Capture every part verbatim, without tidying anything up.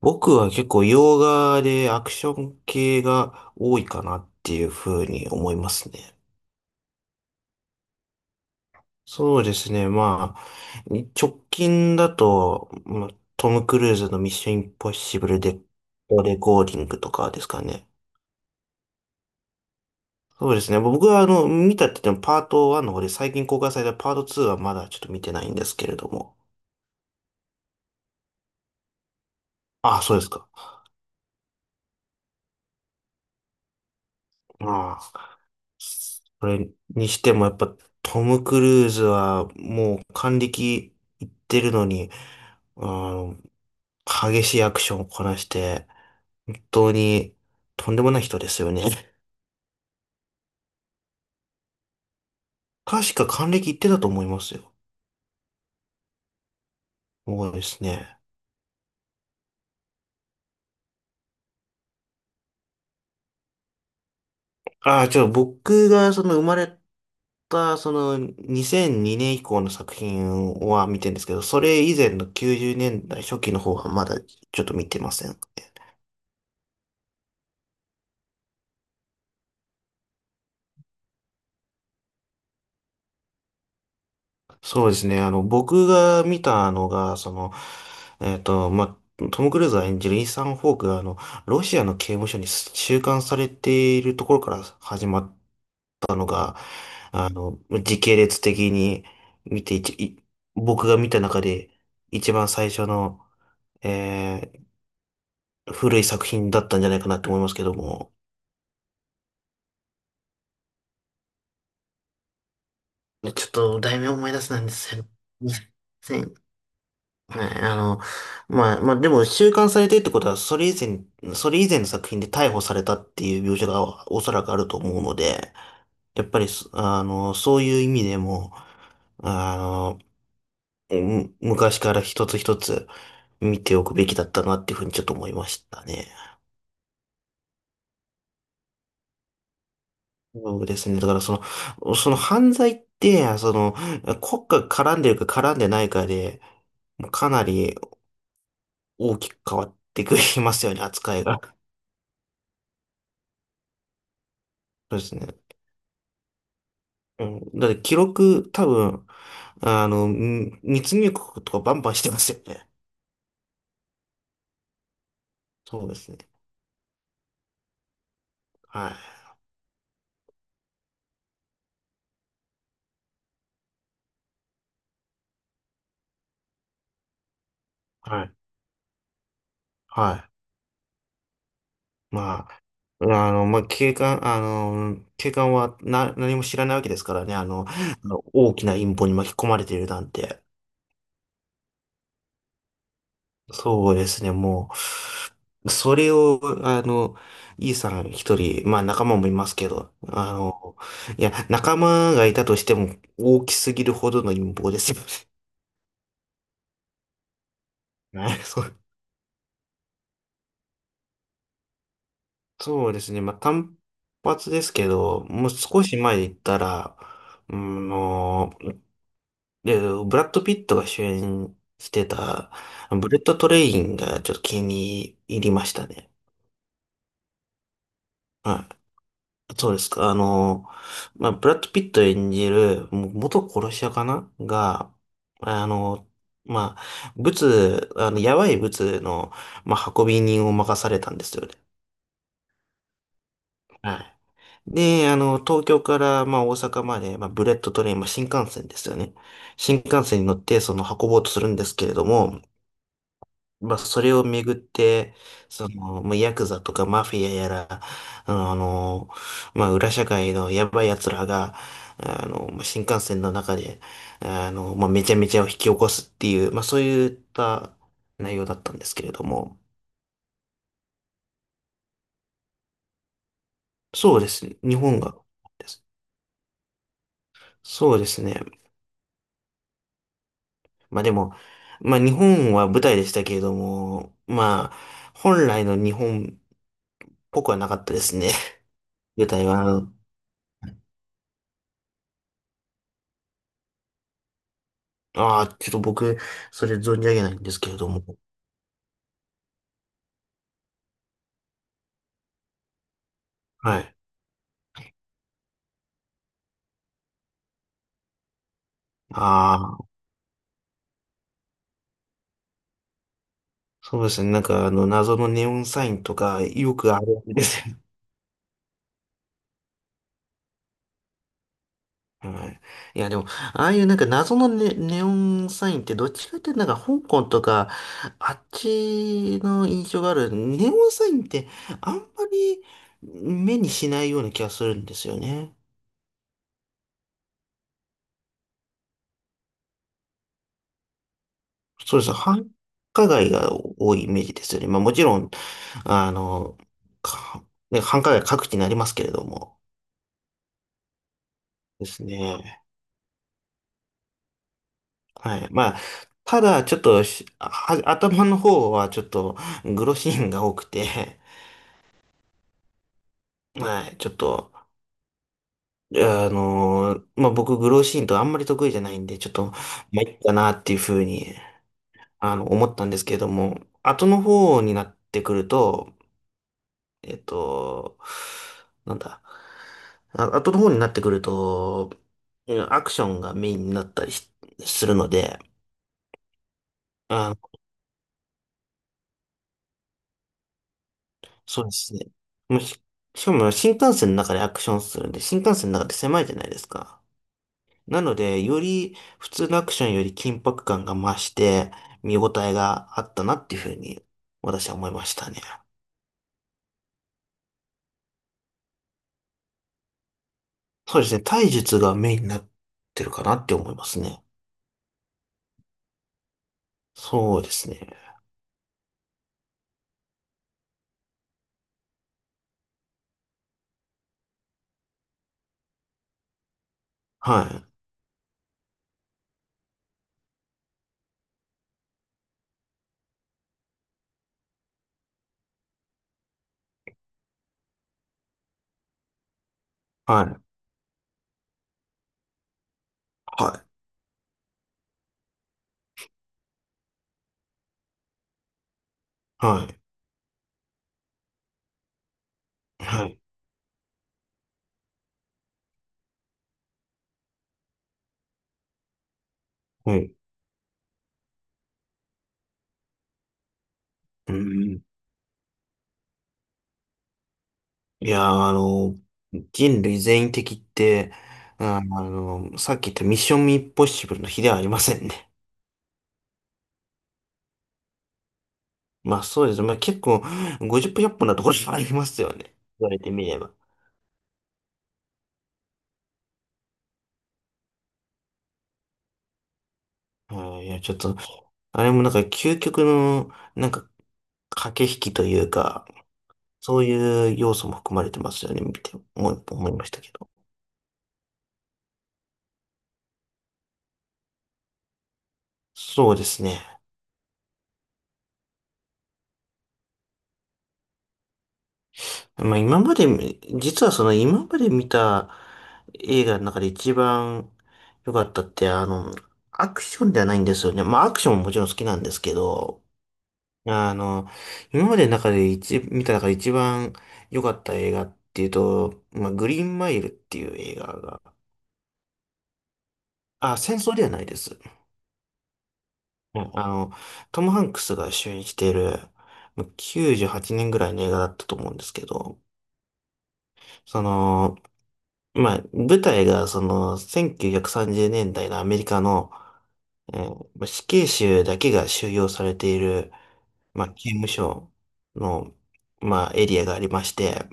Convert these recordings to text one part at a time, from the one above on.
僕は結構洋画でアクション系が多いかなっていうふうに思いますね。そうですね。まあ、直近だと、まあトム・クルーズのミッション・インポッシブルで、レコーディングとかですかね。そうですね。僕はあの、見たって言ってもパートワンの方で最近公開されたパートツーはまだちょっと見てないんですけれども。ああ、そうですか。ああ。それにしてもやっぱトム・クルーズはもう還暦いってるのに、あの、激しいアクションをこなして、本当にとんでもない人ですよね。確か還暦いってたと思いますよ。そうですね。ああ、ちょ、僕がその生まれたそのにせんにねん以降の作品は見てるんですけど、それ以前のきゅうじゅうねんだい初期の方はまだちょっと見てません。そうですね。あの、僕が見たのが、その、えっと、まあ、トム・クルーズが演じるイーサン・ホークが、あの、ロシアの刑務所に収監されているところから始まったのが、あの、時系列的に見ていち、一い僕が見た中で一番最初の、えー古い作品だったんじゃないかなと思いますけども。ちょっと、題名思い出せないんですよ。はい、あの、まあ、まあ、でも、収監されてるってことは、それ以前、それ以前の作品で逮捕されたっていう描写がおそらくあると思うので、やっぱりそ、あの、そういう意味でも、あの、む昔から一つ一つ見ておくべきだったなっていうふうにちょっと思いましたね。そうですね。だからその、その犯罪って、その、国家が絡んでるか絡んでないかで、かなり大きく変わってくれますよね、扱いが。そうですね。うん、だって記録、多分、あの、ん密入国とかバンバンしてますよね。そうですね。はい。はい。はい。まあ、あの、まあ、警官、あの、警官はな、何も知らないわけですからね。あの、あの大きな陰謀に巻き込まれているなんて。そうですね。もう、それを、あの、イさん一人、まあ仲間もいますけど、あの、いや、仲間がいたとしても大きすぎるほどの陰謀ですよね。はい、そうそうですね。まあ、単発ですけど、もう少し前に行ったら、うん、もう、で、ブラッド・ピットが主演してた、ブレット・トレインがちょっと気に入りましたね。はい。そうですか。あの、まあ、ブラッド・ピット演じる、もう元殺し屋かなが、あの、まあ、ブツ、あの、やばいブツの、まあ、運び人を任されたんですよね。はい。で、あの、東京から、まあ、大阪まで、まあ、ブレットトレイン、まあ、新幹線ですよね。新幹線に乗って、その、運ぼうとするんですけれども、まあ、それをめぐって、その、まあ、ヤクザとかマフィアやら、あの、あのまあ、裏社会のやばい奴らが、あの、まあ新幹線の中で、あの、まあ、めちゃめちゃを引き起こすっていう、まあ、そういった内容だったんですけれども、そうですね。日本が、ですそうですね。まあでも、まあ日本は舞台でしたけれども、まあ、本来の日本っぽくはなかったですね。舞台は、ああ、ちょっと僕、それ存じ上げないんですけれども。はい。ああ、そうですね。なんかあの、謎のネオンサインとか、よくあるんですよ。はい。いや、でも、ああいうなんか謎のネ、ネオンサインってどっちかっていうとなんか香港とか、あっちの印象があるネオンサインってあんまり目にしないような気がするんですよね。そうです。繁華街が多いイメージですよね。まあもちろん、あの、か、ね、繁華街各地になりますけれども。ですね。はい。まあ、ただ、ちょっとし、は、頭の方はちょっと、グロシーンが多くて、はい、ちょっと、あのまあ、僕、グローシーンとあんまり得意じゃないんで、ちょっと、まあ、いっかなっていうふうに、あの、思ったんですけれども、後の方になってくると、えっと、なんだ、あ、後の方になってくると、うんアクションがメインになったりしするので、あ、そうですね。もうし、しかも新幹線の中でアクションするんで、新幹線の中で狭いじゃないですか。なので、より普通のアクションより緊迫感が増して、見応えがあったなっていうふうに、私は思いましたね。そうですね。体術がメインになってるかなって思いますね。そうですね。はい。はい。はい。はい。はい。はい。うん。いやー、あの、人類全員的って、あーあの、さっき言ったミッションインポッシブルの比ではありませんね。まあそうですね。まあ結構、ごじゅっぷんいちっれいふんなところもありますよね。言われてみれば。はい、いや、ちょっと、あれもなんか究極の、なんか、駆け引きというか、そういう要素も含まれてますよね、見て思い、思いましたけど。そうですね。まあ今まで、実はその今まで見た映画の中で一番良かったって、あの、アクションではないんですよね。まあアクションももちろん好きなんですけど、あの、今までの中で一、見た中で一番良かった映画っていうと、まあグリーンマイルっていう映画が、あ、戦争ではないです。うんあの、トム・ハンクスが主演している、まきゅうじゅうはちねんぐらいの映画だったと思うんですけど、その、まあ、舞台がそのせんきゅうひゃくさんじゅうねんだいのアメリカの、えーま死刑囚だけが収容されている、まあ、刑務所の、まあ、エリアがありまして、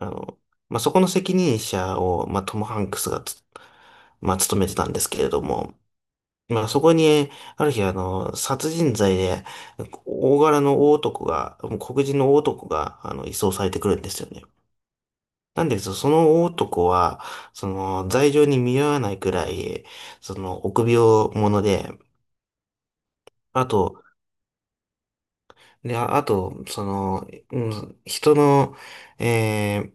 あの、まあ、そこの責任者を、まあ、トム・ハンクスがつまあ、務めてたんですけれども、まあそこに、ある日あの、殺人罪で、大柄の大男が、黒人の大男が、あの、移送されてくるんですよね。なんですけど、その大男は、その、罪状に見合わないくらい、その、臆病者で、あと、で、ああと、その、うん、人の、え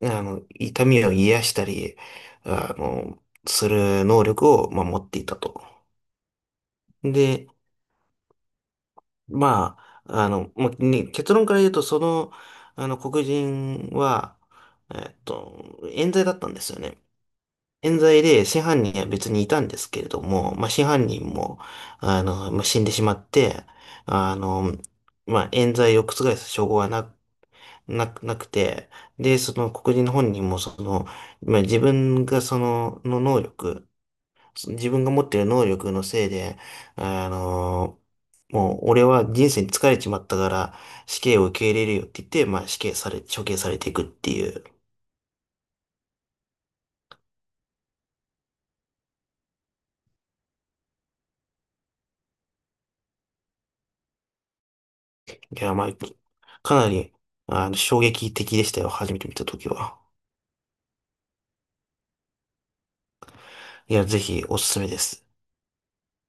ー、あの、痛みを癒したり、あの、する能力を、まあ、持っていたと。で、まあ、あの、まあね、結論から言うと、その、あの、黒人は、えっと、冤罪だったんですよね。冤罪で、真犯人は別にいたんですけれども、まあ、真犯人も、あの、まあ、死んでしまって、あの、まあ、冤罪を覆す証拠はな、な、なくて、で、その黒人本人も、その、まあ、自分がその、の能力、自分が持ってる能力のせいで、あの、もう俺は人生に疲れちまったから死刑を受け入れるよって言って、まあ死刑され、処刑されていくっていう。いや、まあ、かなり、あの、衝撃的でしたよ。初めて見たときは。いや、ぜひおすすめです。